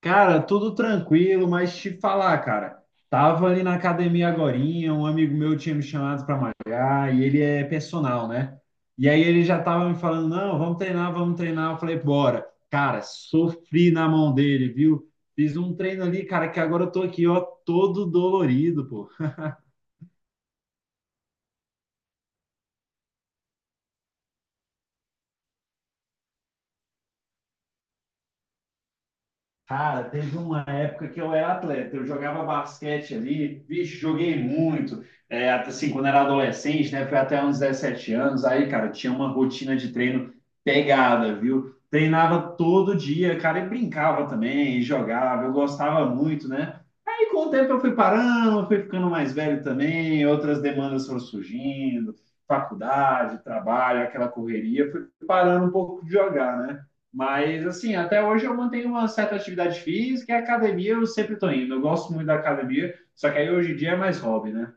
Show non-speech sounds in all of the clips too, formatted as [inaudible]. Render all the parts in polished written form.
Cara, tudo tranquilo, mas te falar, cara, tava ali na academia agorinha, um amigo meu tinha me chamado para malhar e ele é personal, né? E aí ele já tava me falando, não, vamos treinar, vamos treinar. Eu falei, bora. Cara, sofri na mão dele, viu? Fiz um treino ali, cara, que agora eu tô aqui, ó, todo dolorido, pô. Cara, teve uma época que eu era atleta, eu jogava basquete ali, vixe, joguei muito, é, até assim, quando era adolescente, né, foi até uns 17 anos, aí, cara, tinha uma rotina de treino pegada, viu? Treinava todo dia, cara, e brincava também, e jogava, eu gostava muito, né? Aí, com o tempo, eu fui parando, eu fui ficando mais velho também, outras demandas foram surgindo, faculdade, trabalho, aquela correria, fui parando um pouco de jogar, né? Mas, assim, até hoje eu mantenho uma certa atividade física e a academia eu sempre estou indo. Eu gosto muito da academia, só que aí hoje em dia é mais hobby, né?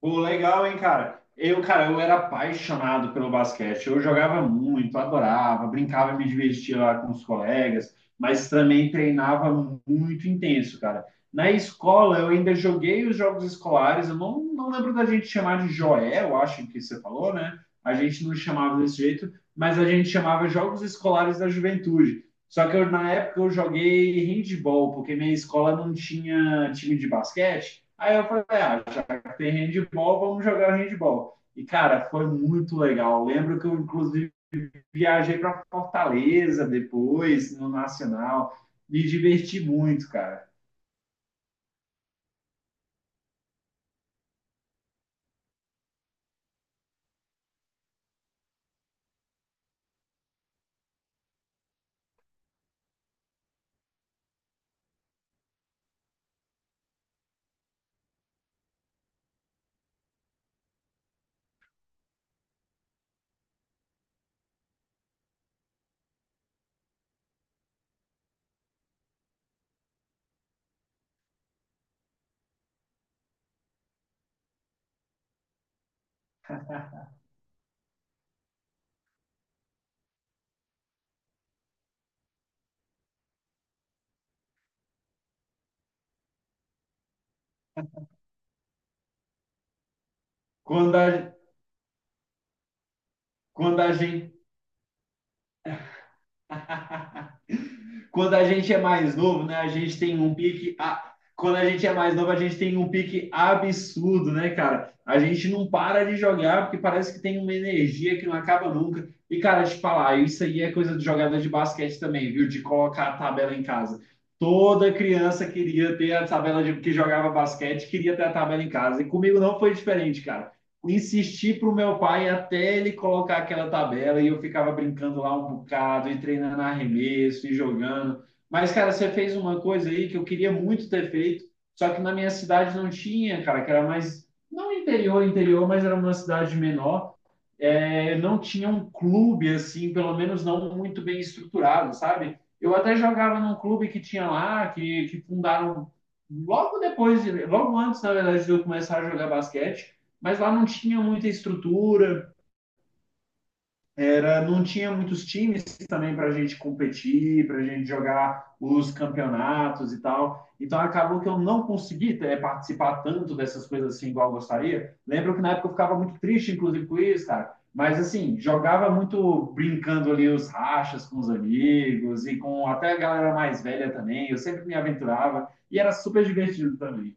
Pô, legal, hein, cara? Eu, cara, eu era apaixonado pelo basquete. Eu jogava muito, adorava, brincava, me divertia lá com os colegas, mas também treinava muito intenso, cara. Na escola, eu ainda joguei os jogos escolares. Eu não lembro da gente chamar de Joel, eu acho que você falou, né? A gente não chamava desse jeito, mas a gente chamava Jogos Escolares da Juventude. Só que eu, na época eu joguei handball, porque minha escola não tinha time de basquete. Aí eu falei, ah, tem handball, vamos jogar handball. E, cara, foi muito legal. Lembro que eu, inclusive, viajei para Fortaleza depois, no Nacional. Me diverti muito, cara. Quando a, quando a gente. [laughs] Quando a gente é mais novo, né? A gente tem um pique. Quando a gente é mais novo, a gente tem um pique absurdo, né, cara? A gente não para de jogar porque parece que tem uma energia que não acaba nunca. E, cara, te falar, isso aí é coisa de jogador de basquete também, viu? De colocar a tabela em casa. Toda criança queria ter a tabela de que jogava basquete, queria ter a tabela em casa. E comigo não foi diferente, cara, insisti pro meu pai até ele colocar aquela tabela e eu ficava brincando lá um bocado e treinando arremesso e jogando. Mas, cara, você fez uma coisa aí que eu queria muito ter feito, só que na minha cidade não tinha, cara, que era mais, não interior, interior, mas era uma cidade menor, é, não tinha um clube assim, pelo menos não muito bem estruturado, sabe? Eu até jogava num clube que tinha lá, que fundaram logo antes, na verdade, de eu começar a jogar basquete, mas lá não tinha muita estrutura, era não tinha muitos times também para a gente competir, para a gente jogar os campeonatos e tal. Então acabou que eu não consegui é, participar tanto dessas coisas assim igual eu gostaria. Lembro que na época eu ficava muito triste, inclusive, com isso, cara. Mas assim, jogava muito brincando ali os rachas com os amigos e com até a galera mais velha também. Eu sempre me aventurava e era super divertido também.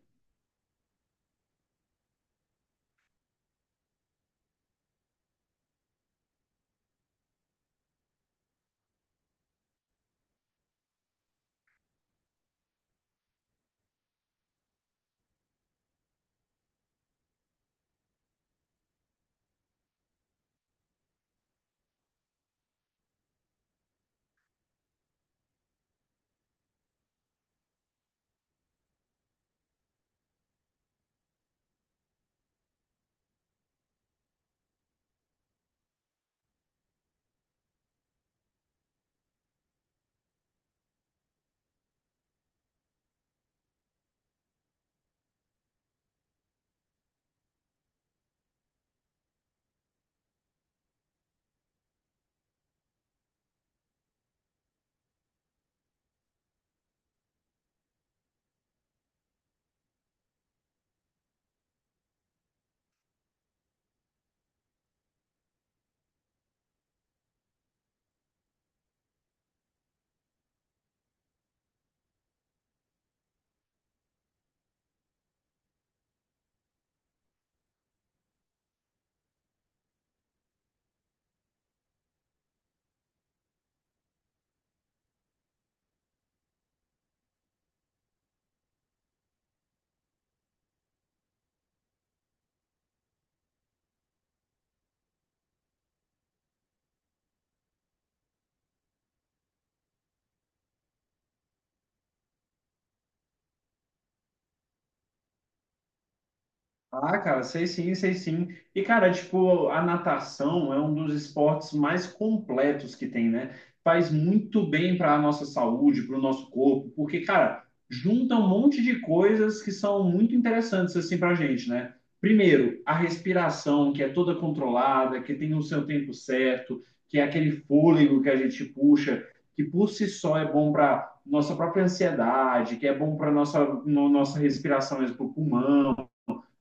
Ah, cara, sei sim, sei sim. E, cara, tipo, a natação é um dos esportes mais completos que tem, né? Faz muito bem para a nossa saúde, para o nosso corpo, porque, cara, junta um monte de coisas que são muito interessantes, assim, para a gente, né? Primeiro, a respiração, que é toda controlada, que tem o seu tempo certo, que é aquele fôlego que a gente puxa, que por si só é bom para nossa própria ansiedade, que é bom para nossa, nossa respiração mesmo, para o pulmão,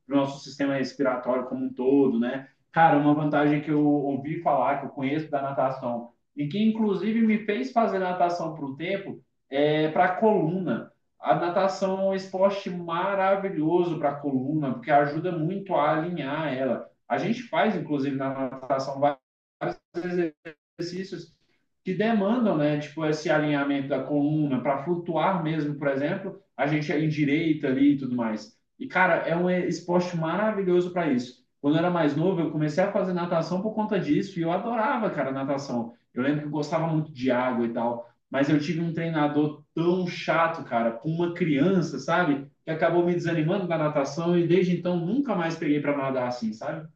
para o nosso sistema respiratório como um todo, né? Cara, uma vantagem que eu ouvi falar, que eu conheço da natação, e que inclusive me fez fazer natação por um tempo, é para a coluna. A natação é um esporte maravilhoso para a coluna, porque ajuda muito a alinhar ela. A gente faz, inclusive, na natação vários exercícios que demandam, né, tipo, esse alinhamento da coluna para flutuar mesmo, por exemplo, a gente é endireita ali e tudo mais. E, cara, é um esporte maravilhoso para isso. Quando eu era mais novo, eu comecei a fazer natação por conta disso e eu adorava, cara, natação. Eu lembro que eu gostava muito de água e tal, mas eu tive um treinador tão chato, cara, com uma criança, sabe? Que acabou me desanimando da natação e desde então nunca mais peguei para nadar assim, sabe?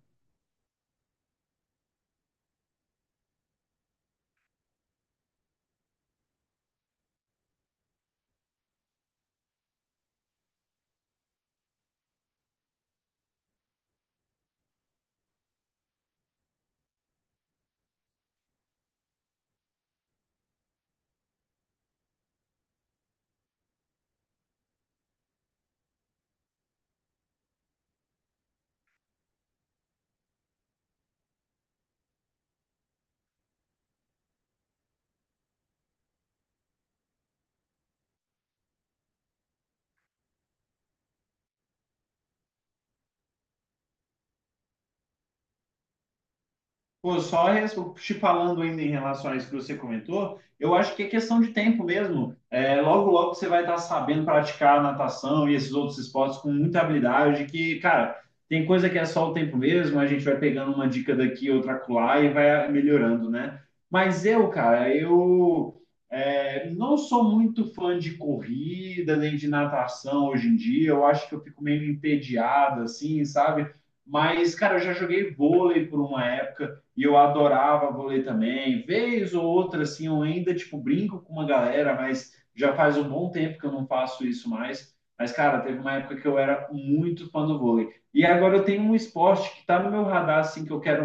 Pô, te falando ainda em relação a isso que você comentou, eu acho que é questão de tempo mesmo. É, logo, logo você vai estar sabendo praticar natação e esses outros esportes com muita habilidade, que, cara, tem coisa que é só o tempo mesmo, a gente vai pegando uma dica daqui, outra acolá e vai melhorando, né? Mas eu, cara, não sou muito fã de corrida nem de natação hoje em dia, eu acho que eu fico meio entediado, assim, sabe? Mas, cara, eu já joguei vôlei por uma época e eu adorava vôlei também. Vez ou outra, assim, eu ainda, tipo, brinco com uma galera, mas já faz um bom tempo que eu não faço isso mais. Mas, cara, teve uma época que eu era muito fã do vôlei. E agora eu tenho um esporte que tá no meu radar, assim, que eu quero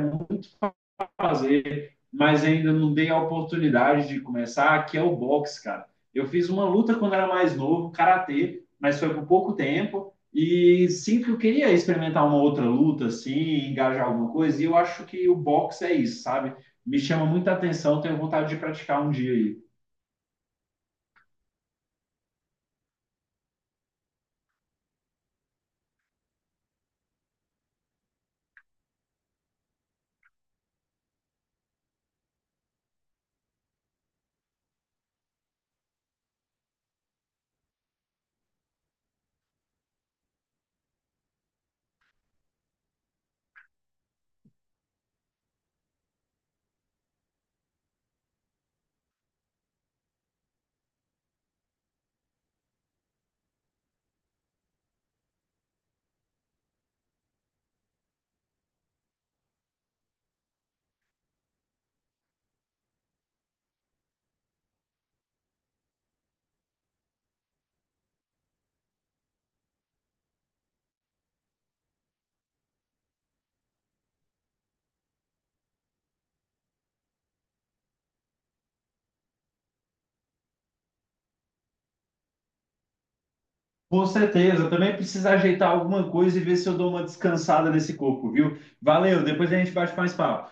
fazer, mas ainda não dei a oportunidade de começar, que é o boxe, cara. Eu fiz uma luta quando era mais novo, karatê, mas foi por pouco tempo. E sempre eu queria experimentar uma outra luta, assim, engajar alguma coisa, e eu acho que o boxe é isso, sabe? Me chama muita atenção, tenho vontade de praticar um dia aí. Com certeza, também precisa ajeitar alguma coisa e ver se eu dou uma descansada nesse corpo, viu? Valeu, depois a gente bate mais papo.